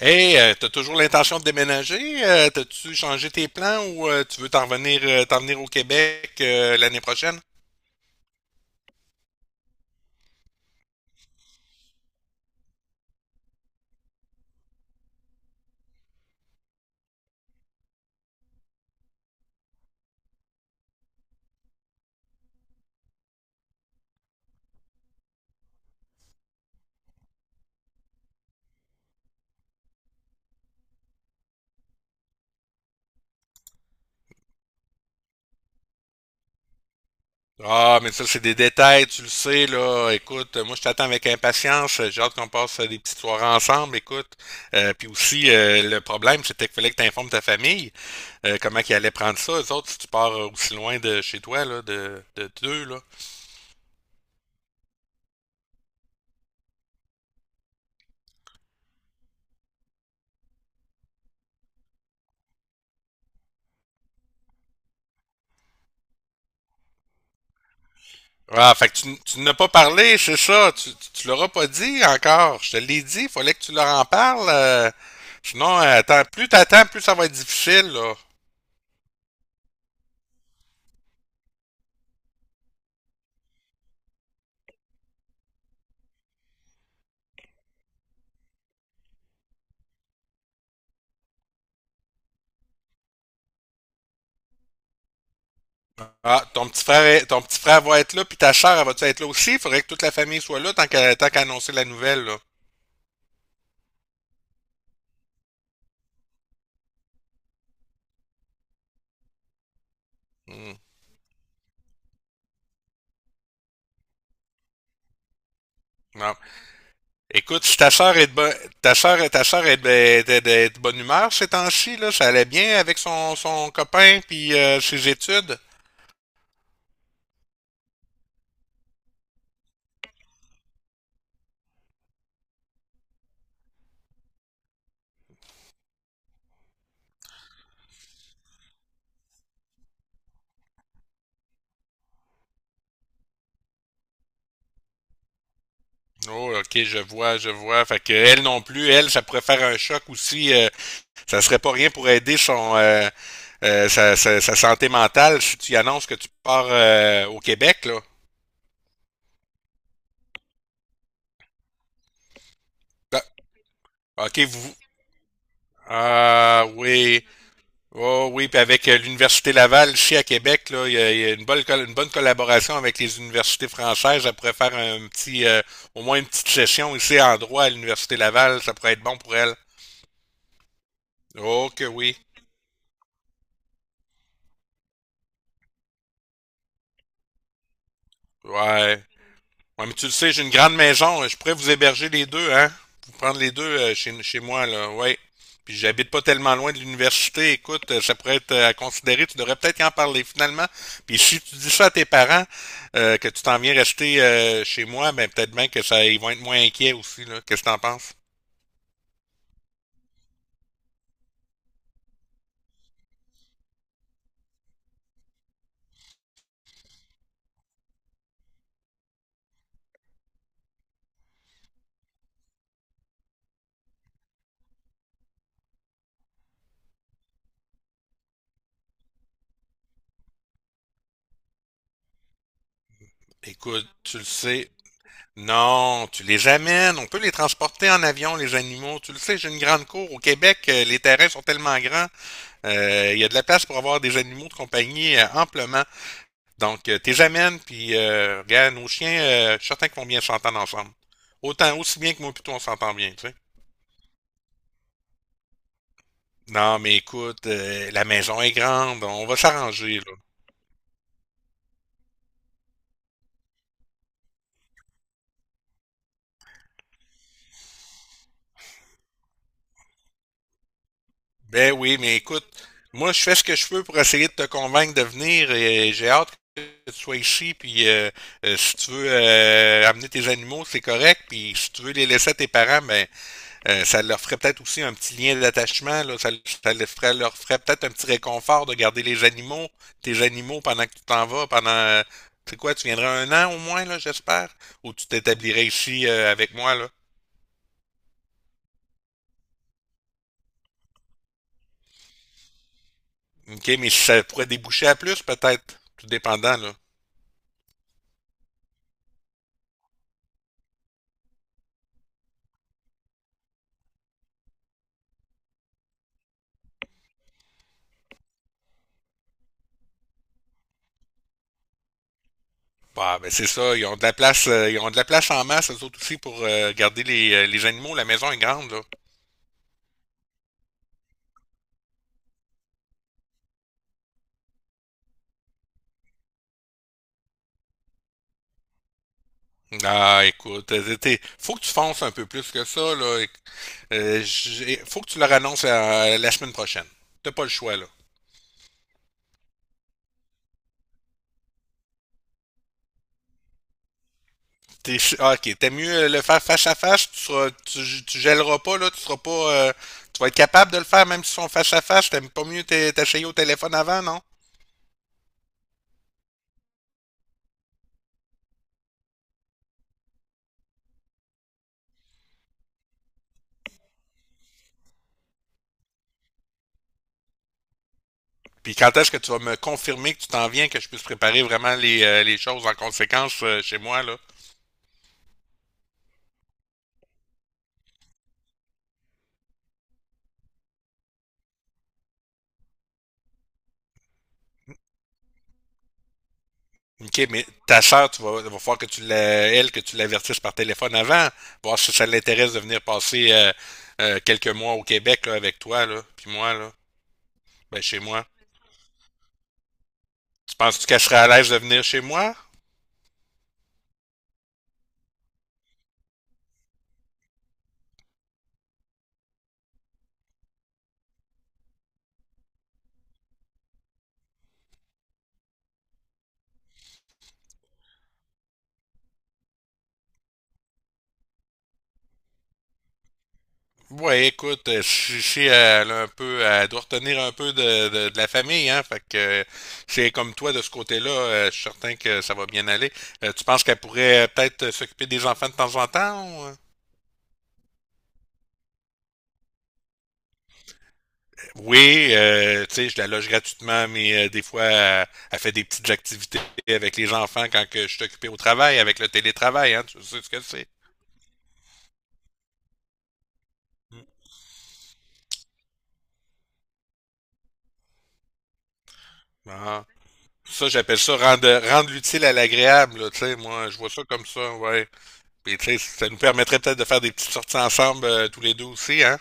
Hey, t'as toujours l'intention de déménager? T'as-tu changé tes plans ou tu veux t'en venir au Québec l'année prochaine? Ah, mais ça, c'est des détails, tu le sais, là. Écoute, moi, je t'attends avec impatience. J'ai hâte qu'on passe des petites soirées ensemble, écoute. Puis aussi, le problème, c'était qu'il fallait que t'informes ta famille comment qu'ils allaient prendre ça. Eux autres, si tu pars aussi loin de chez toi, là, de d'eux, là. Ah, fait que tu n'as pas parlé, c'est ça. Tu l'auras pas dit encore. Je te l'ai dit, il fallait que tu leur en parles. Sinon, attends, plus t'attends, plus ça va être difficile, là. Ah, ton petit frère, ton petit frère va être là, puis ta sœur, elle va être là aussi? Il faudrait que toute la famille soit là tant qu'à annoncer la nouvelle, là. Hmm. Non. Écoute, si ta sœur, est de bonne humeur ces temps-ci, là, ça allait bien avec son, son copain puis ses études. Oh, ok, je vois, je vois. Fait que elle non plus, elle, ça pourrait faire un choc aussi. Ça serait pas rien pour aider son sa santé mentale si tu y annonces que tu pars au Québec, là. Ah, ok, vous. Ah oui. Oh oui, puis avec l'Université Laval ici à Québec, là, il y a une une bonne collaboration avec les universités françaises. Ça pourrait faire un petit au moins une petite session ici en droit à l'Université Laval, ça pourrait être bon pour elle. Oh que oui. Ouais. Ouais, mais tu le sais, j'ai une grande maison. Je pourrais vous héberger les deux, hein? Vous prendre les deux chez moi, là. Ouais. Puis j'habite pas tellement loin de l'université. Écoute, ça pourrait être à considérer. Tu devrais peut-être y en parler finalement. Puis si tu dis ça à tes parents, que tu t'en viens rester chez moi, ben peut-être bien que ça, ils vont être moins inquiets aussi, là. Qu'est-ce que t'en penses? Écoute, tu le sais. Non, tu les amènes. On peut les transporter en avion, les animaux. Tu le sais, j'ai une grande cour. Au Québec, les terrains sont tellement grands. Il y a de la place pour avoir des animaux de compagnie amplement. Donc, t'es amènes, puis regarde, nos chiens, je suis certain qu'ils vont bien s'entendre ensemble. Aussi bien que moi, plutôt, on s'entend bien, tu sais. Non, mais écoute, la maison est grande, on va s'arranger, là. Ben oui, mais écoute, moi, je fais ce que je peux pour essayer de te convaincre de venir, et j'ai hâte que tu sois ici, puis si tu veux amener tes animaux, c'est correct, puis si tu veux les laisser à tes parents, ben, ça leur ferait peut-être aussi un petit lien d'attachement, là. Leur ferait peut-être un petit réconfort de garder les animaux, tes animaux pendant que tu t'en vas, pendant, tu sais quoi, tu viendrais 1 an au moins, là, j'espère, ou tu t'établirais ici avec moi, là. OK, mais si ça pourrait déboucher à plus, peut-être, tout dépendant, là. Bah, ben c'est ça, ils ont de la place, ils ont de la place en masse, eux autres aussi, pour garder les animaux. La maison est grande, là. Ah, écoute, faut que tu fonces un peu plus que ça, là. Faut que tu leur annonces la semaine prochaine. T'as pas le choix, là. Ok, t'es mieux le faire face à face, tu gèleras pas, là, tu seras pas, tu vas être capable de le faire même si ils sont face à face, t'aimes pas mieux t'essayer au téléphone avant, non? Puis quand est-ce que tu vas me confirmer que tu t'en viens, que je puisse préparer vraiment les choses en conséquence, chez moi, là? OK, mais ta sœur, il va falloir que que tu l'avertisses par téléphone avant, voir si ça l'intéresse de venir passer quelques mois au Québec là, avec toi, là, puis moi, là, ben chez moi. Tu penses-tu qu'elle serait à l'aise de venir chez moi? Ouais, écoute, si elle a un peu, elle doit retenir un peu de la famille, hein, fait que c'est comme toi de ce côté-là, je suis certain que ça va bien aller. Tu penses qu'elle pourrait peut-être s'occuper des enfants de temps en temps? Ou, euh? Oui, tu sais, je la loge gratuitement, mais des fois, elle fait des petites activités avec les enfants quand que je suis occupé au travail, avec le télétravail, hein, tu sais ce que c'est. Mm. Ah. Ça, j'appelle ça rendre l'utile à l'agréable, là, tu sais, moi, je vois ça comme ça, ouais. Puis, tu sais, ça nous permettrait peut-être de faire des petites sorties ensemble, tous les deux aussi, hein.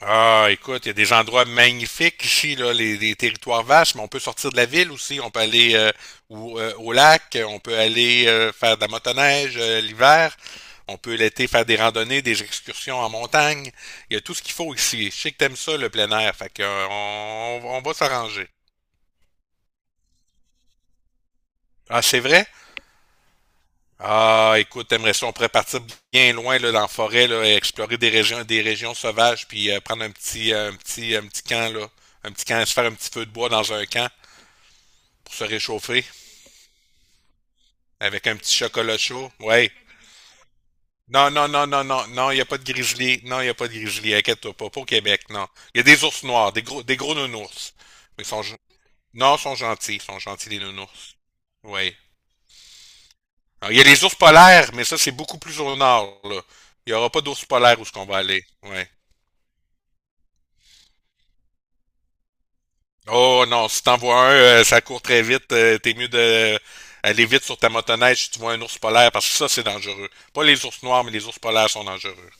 Ah, écoute, il y a des endroits magnifiques ici, là, les territoires vastes, mais on peut sortir de la ville aussi. On peut aller au lac, on peut aller faire de la motoneige l'hiver, on peut l'été faire des randonnées, des excursions en montagne. Il y a tout ce qu'il faut ici. Je sais que t'aimes ça, le plein air, fait que, on va s'arranger. Ah, c'est vrai? Ah, écoute, t'aimerais ça, on pourrait partir bien loin là, dans la forêt, là, et explorer des régions sauvages, puis prendre un petit camp, là. Un petit camp, se faire un petit feu de bois dans un camp, pour se réchauffer avec un petit chocolat chaud. Ouais. Non, non, non, non, non, non, il n'y a pas de grizzly. Non, il n'y a pas de grizzly. Inquiète-toi pas. Pas au Québec, non. Il y a des ours noirs, des gros nounours. Mais non, ils sont gentils. Ils sont gentils, les nounours. Oui. Alors, il y a les ours polaires, mais ça, c'est beaucoup plus au nord, là. Il n'y aura pas d'ours polaires où ce qu'on va aller. Ouais. Oh non, si t'en vois un, ça court très vite. T'es mieux de aller vite sur ta motoneige si tu vois un ours polaire, parce que ça, c'est dangereux. Pas les ours noirs, mais les ours polaires sont dangereux.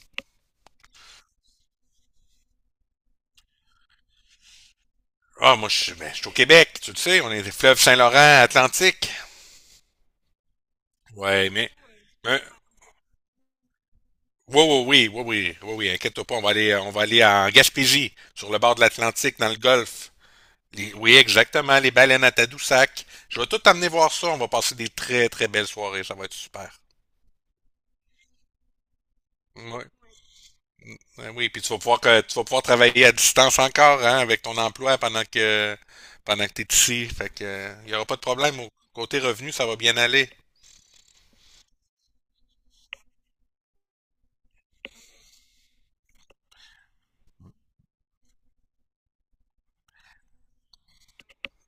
Ah, moi, je suis au Québec, tu le sais, on est les fleuves Saint-Laurent, Atlantique. Ouais, mais, mais- oui, oui, oui, oui, oui, oui, oui, inquiète-toi pas, on va aller en Gaspésie, sur le bord de l'Atlantique, dans le Golfe. Oui, exactement, les baleines à Tadoussac. Je vais tout t'amener voir ça, on va passer des très, très belles soirées, ça va être super. Oui, oui, oui, puis tu vas pouvoir travailler à distance encore, hein, avec ton emploi pendant que t'es ici, fait que, il y aura pas de problème, au côté revenu, ça va bien aller.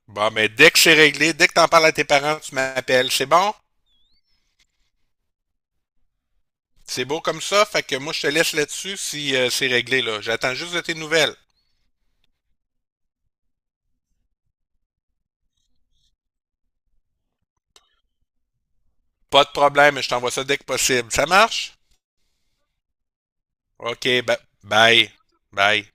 Bon, mais dès que c'est réglé, dès que t'en parles à tes parents, tu m'appelles. C'est bon? C'est beau comme ça, fait que moi je te laisse là-dessus si c'est réglé là. J'attends juste de tes nouvelles. Pas de problème, je t'envoie ça dès que possible. Ça marche? OK, bye. Bye.